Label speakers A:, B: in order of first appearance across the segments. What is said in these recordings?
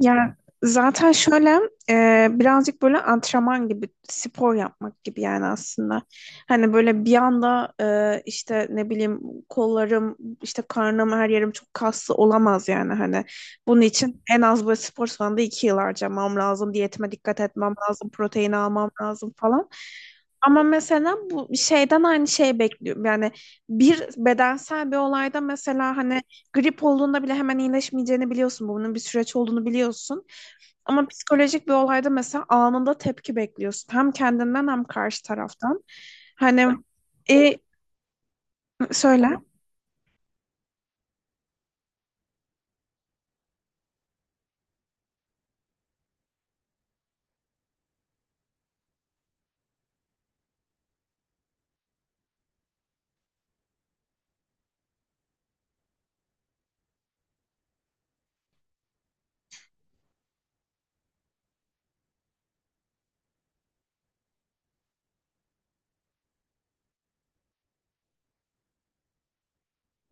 A: Yani zaten şöyle, birazcık böyle antrenman gibi spor yapmak gibi yani aslında. Hani böyle bir anda, işte ne bileyim, kollarım işte karnım her yerim çok kaslı olamaz yani hani. Bunun için en az böyle spor salonunda 2 yıl harcamam lazım. Diyetime dikkat etmem lazım. Protein almam lazım falan. Ama mesela bu şeyden aynı şeyi bekliyorum. Yani bir bedensel bir olayda mesela hani grip olduğunda bile hemen iyileşmeyeceğini biliyorsun. Bunun bir süreç olduğunu biliyorsun. Ama psikolojik bir olayda mesela anında tepki bekliyorsun. Hem kendinden hem karşı taraftan. Hani, e, söyle.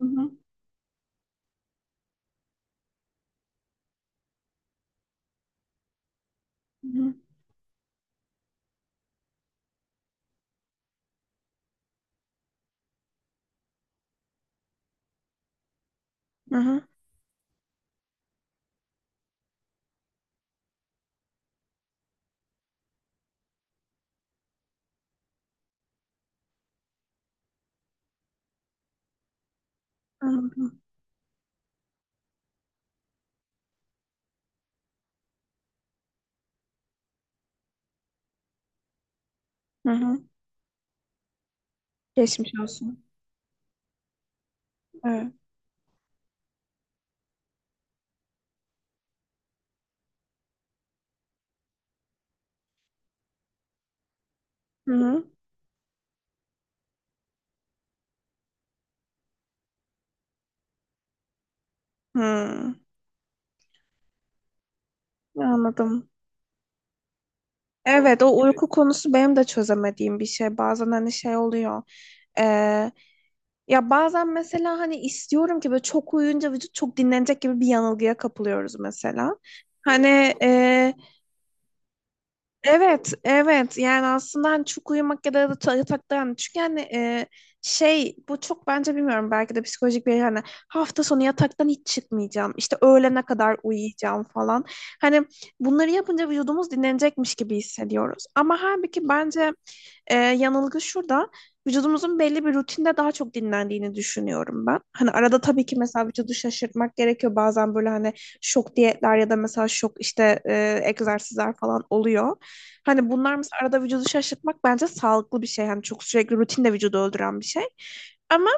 A: Hı hı. Hı hı. Hı hı. Hı hı. Geçmiş olsun. Evet. Hı hı. Hı. Anladım. Evet, o uyku konusu benim de çözemediğim bir şey. Bazen hani şey oluyor. Ya bazen mesela hani istiyorum ki böyle çok uyuyunca vücut çok dinlenecek gibi bir yanılgıya kapılıyoruz mesela. Hani, e, evet, evet, yani aslında hani çok uyumak ya da yatakta, yani çünkü hani, şey, bu çok bence bilmiyorum, belki de psikolojik bir, hani, hafta sonu yataktan hiç çıkmayacağım işte öğlene kadar uyuyacağım falan. Hani bunları yapınca vücudumuz dinlenecekmiş gibi hissediyoruz ama halbuki bence, yanılgı şurada. Vücudumuzun belli bir rutinde daha çok dinlendiğini düşünüyorum ben. Hani arada tabii ki mesela vücudu şaşırtmak gerekiyor. Bazen böyle hani şok diyetler ya da mesela şok işte, egzersizler falan oluyor. Hani bunlar mesela arada vücudu şaşırtmak bence sağlıklı bir şey. Hani çok sürekli rutinde vücudu öldüren bir şey. Ama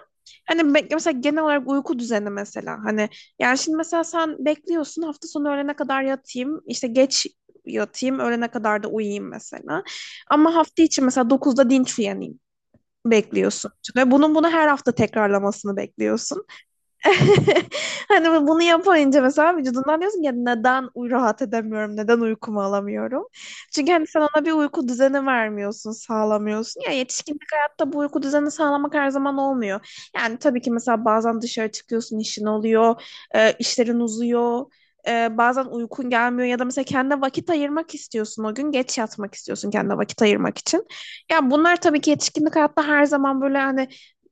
A: hani, mesela genel olarak uyku düzeni mesela hani, yani şimdi mesela sen bekliyorsun hafta sonu öğlene kadar yatayım işte geç yatayım öğlene kadar da uyuyayım mesela, ama hafta içi mesela dokuzda dinç uyanayım bekliyorsun ve bunun bunu her hafta tekrarlamasını bekliyorsun. Hani bunu yapınca mesela vücudundan diyorsun ya neden rahat edemiyorum, neden uykumu alamıyorum? Çünkü hani sen ona bir uyku düzeni vermiyorsun, sağlamıyorsun. Ya yetişkinlik hayatta bu uyku düzeni sağlamak her zaman olmuyor. Yani tabii ki mesela bazen dışarı çıkıyorsun, işin oluyor, işlerin uzuyor. Bazen uykun gelmiyor ya da mesela kendine vakit ayırmak istiyorsun, o gün geç yatmak istiyorsun kendine vakit ayırmak için. Yani bunlar tabii ki yetişkinlik hayatta her zaman böyle hani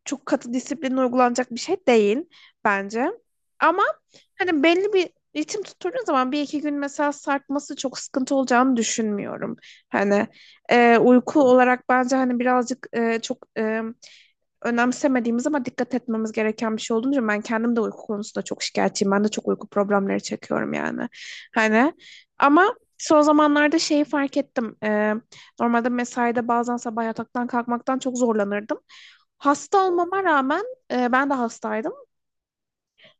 A: çok katı disiplin uygulanacak bir şey değil bence. Ama hani belli bir ritim tutturduğun zaman bir iki gün mesela sarkması çok sıkıntı olacağını düşünmüyorum. Hani, uyku olarak bence hani birazcık, çok, önemsemediğimiz ama dikkat etmemiz gereken bir şey olduğunu düşünüyorum. Ben kendim de uyku konusunda çok şikayetçiyim. Ben de çok uyku problemleri çekiyorum yani. Hani ama son zamanlarda şeyi fark ettim. Normalde mesaide bazen sabah yataktan kalkmaktan çok zorlanırdım. Hasta olmama rağmen, ben de hastaydım.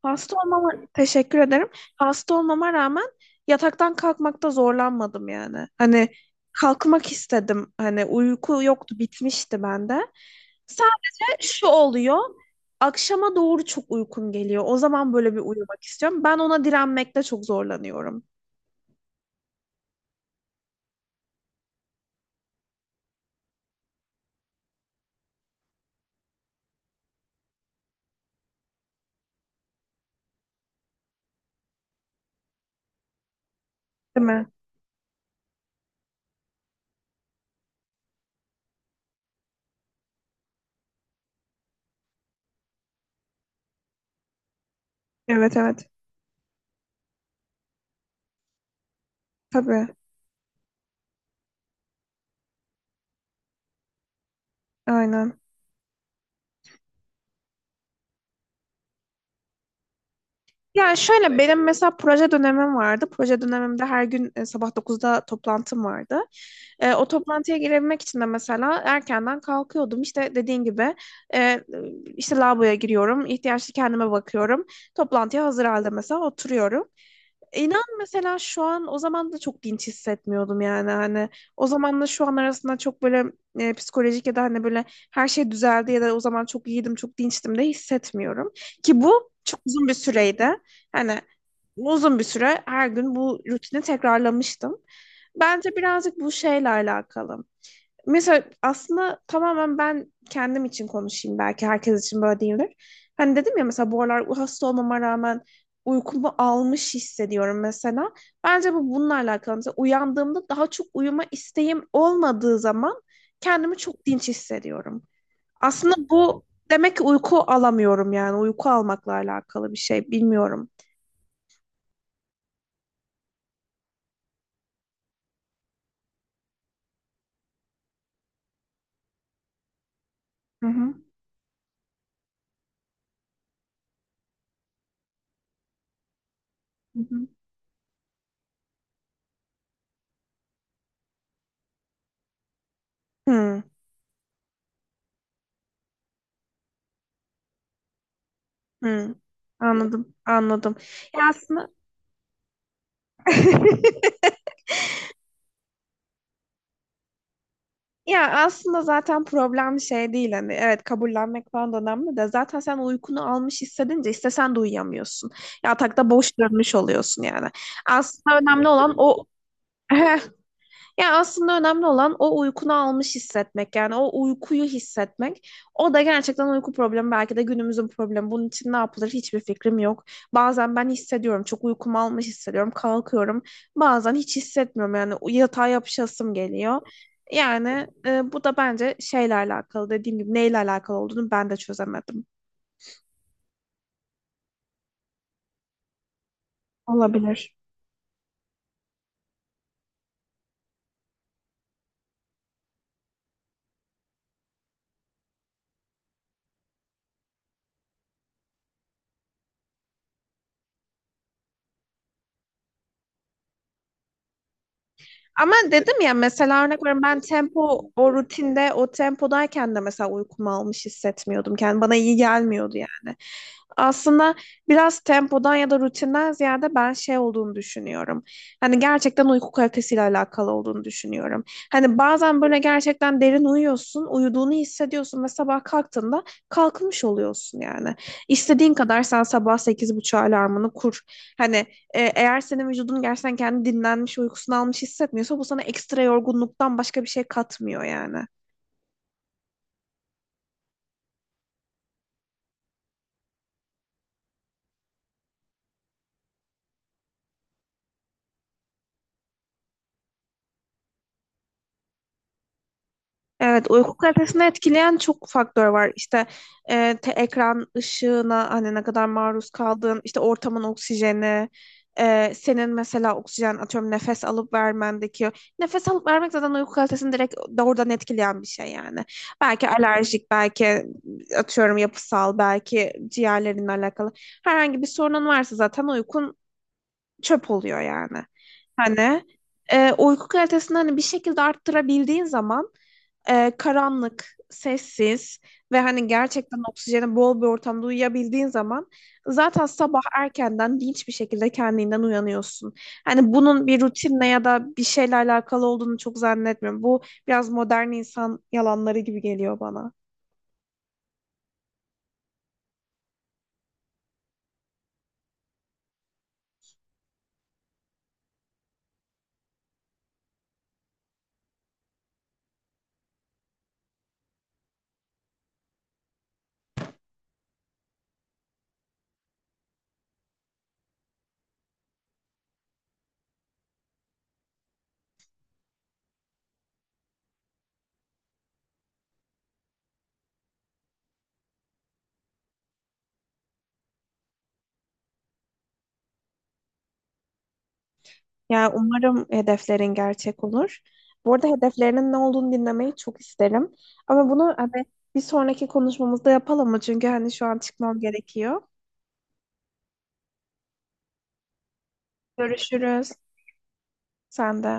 A: Hasta olmama teşekkür ederim. Hasta olmama rağmen yataktan kalkmakta zorlanmadım yani. Hani kalkmak istedim. Hani uyku yoktu, bitmişti bende. Şu oluyor. Akşama doğru çok uykum geliyor. O zaman böyle bir uyumak istiyorum. Ben ona direnmekte çok zorlanıyorum. Değil mi? Evet, evet. Tabii. Aynen. Yani şöyle, benim mesela proje dönemim vardı. Proje dönemimde her gün, sabah 9'da toplantım vardı. O toplantıya girebilmek için de mesela erkenden kalkıyordum. İşte dediğin gibi, e, işte lavaboya giriyorum, ihtiyaçlı kendime bakıyorum. Toplantıya hazır halde mesela oturuyorum. İnan mesela, şu an o zaman da çok dinç hissetmiyordum yani hani, o zamanla şu an arasında çok böyle, psikolojik ya da hani böyle her şey düzeldi ya da o zaman çok iyiydim çok dinçtim de hissetmiyorum ki bu çok uzun bir süreydi. Hani uzun bir süre her gün bu rutini tekrarlamıştım. Bence birazcık bu şeyle alakalı. Mesela aslında, tamamen ben kendim için konuşayım, belki herkes için böyle değildir. Hani dedim ya, mesela bu aralar hasta olmama rağmen uykumu almış hissediyorum mesela. Bence bu bununla alakalı. Mesela uyandığımda daha çok uyuma isteğim olmadığı zaman kendimi çok dinç hissediyorum. Aslında bu demek ki uyku alamıyorum, yani uyku almakla alakalı bir şey, bilmiyorum. Hı hı. Hı hı. Hı, hı. Anladım, anladım. Ya aslında. Ya aslında zaten problem şey değil hani, evet, kabullenmek falan da önemli de, zaten sen uykunu almış hissedince istesen de uyuyamıyorsun. Yatakta boş dönmüş oluyorsun yani. Aslında önemli, evet, olan o. Ya aslında önemli olan o uykunu almış hissetmek. Yani o uykuyu hissetmek. O da gerçekten uyku problemi, belki de günümüzün problemi. Bunun için ne yapılır hiçbir fikrim yok. Bazen ben hissediyorum. Çok uykumu almış hissediyorum. Kalkıyorum. Bazen hiç hissetmiyorum. Yani yatağa yapışasım geliyor. Yani, bu da bence şeyle alakalı. Dediğim gibi, neyle alakalı olduğunu ben de çözemedim. Olabilir. Ama dedim ya, mesela örnek veriyorum, ben tempo o rutinde o tempodayken de mesela uykumu almış hissetmiyordum. Yani bana iyi gelmiyordu yani. Aslında biraz tempodan ya da rutinden ziyade ben şey olduğunu düşünüyorum. Hani gerçekten uyku kalitesiyle alakalı olduğunu düşünüyorum. Hani bazen böyle gerçekten derin uyuyorsun, uyuduğunu hissediyorsun ve sabah kalktığında kalkmış oluyorsun yani. İstediğin kadar sen sabah 8:30 alarmını kur. Hani, eğer senin vücudun gerçekten kendi dinlenmiş, uykusunu almış hissetmiyorsa bu sana ekstra yorgunluktan başka bir şey katmıyor yani. Evet, uyku kalitesini etkileyen çok faktör var. İşte, ekran ışığına hani ne kadar maruz kaldığın, işte ortamın oksijeni, senin mesela oksijen, atıyorum, nefes alıp vermendeki nefes alıp vermek zaten uyku kalitesini direkt doğrudan etkileyen bir şey yani. Belki alerjik, belki, atıyorum, yapısal, belki ciğerlerinle alakalı herhangi bir sorunun varsa zaten uykun çöp oluyor yani. Hani, uyku kalitesini hani bir şekilde arttırabildiğin zaman, karanlık, sessiz ve hani gerçekten oksijeni bol bir ortamda uyuyabildiğin zaman zaten sabah erkenden dinç bir şekilde kendinden uyanıyorsun. Hani bunun bir rutinle ya da bir şeyle alakalı olduğunu çok zannetmiyorum. Bu biraz modern insan yalanları gibi geliyor bana. Ya umarım hedeflerin gerçek olur. Bu arada hedeflerinin ne olduğunu dinlemeyi çok isterim. Ama bunu hani bir sonraki konuşmamızda yapalım mı? Çünkü hani şu an çıkmam gerekiyor. Görüşürüz. Sen de.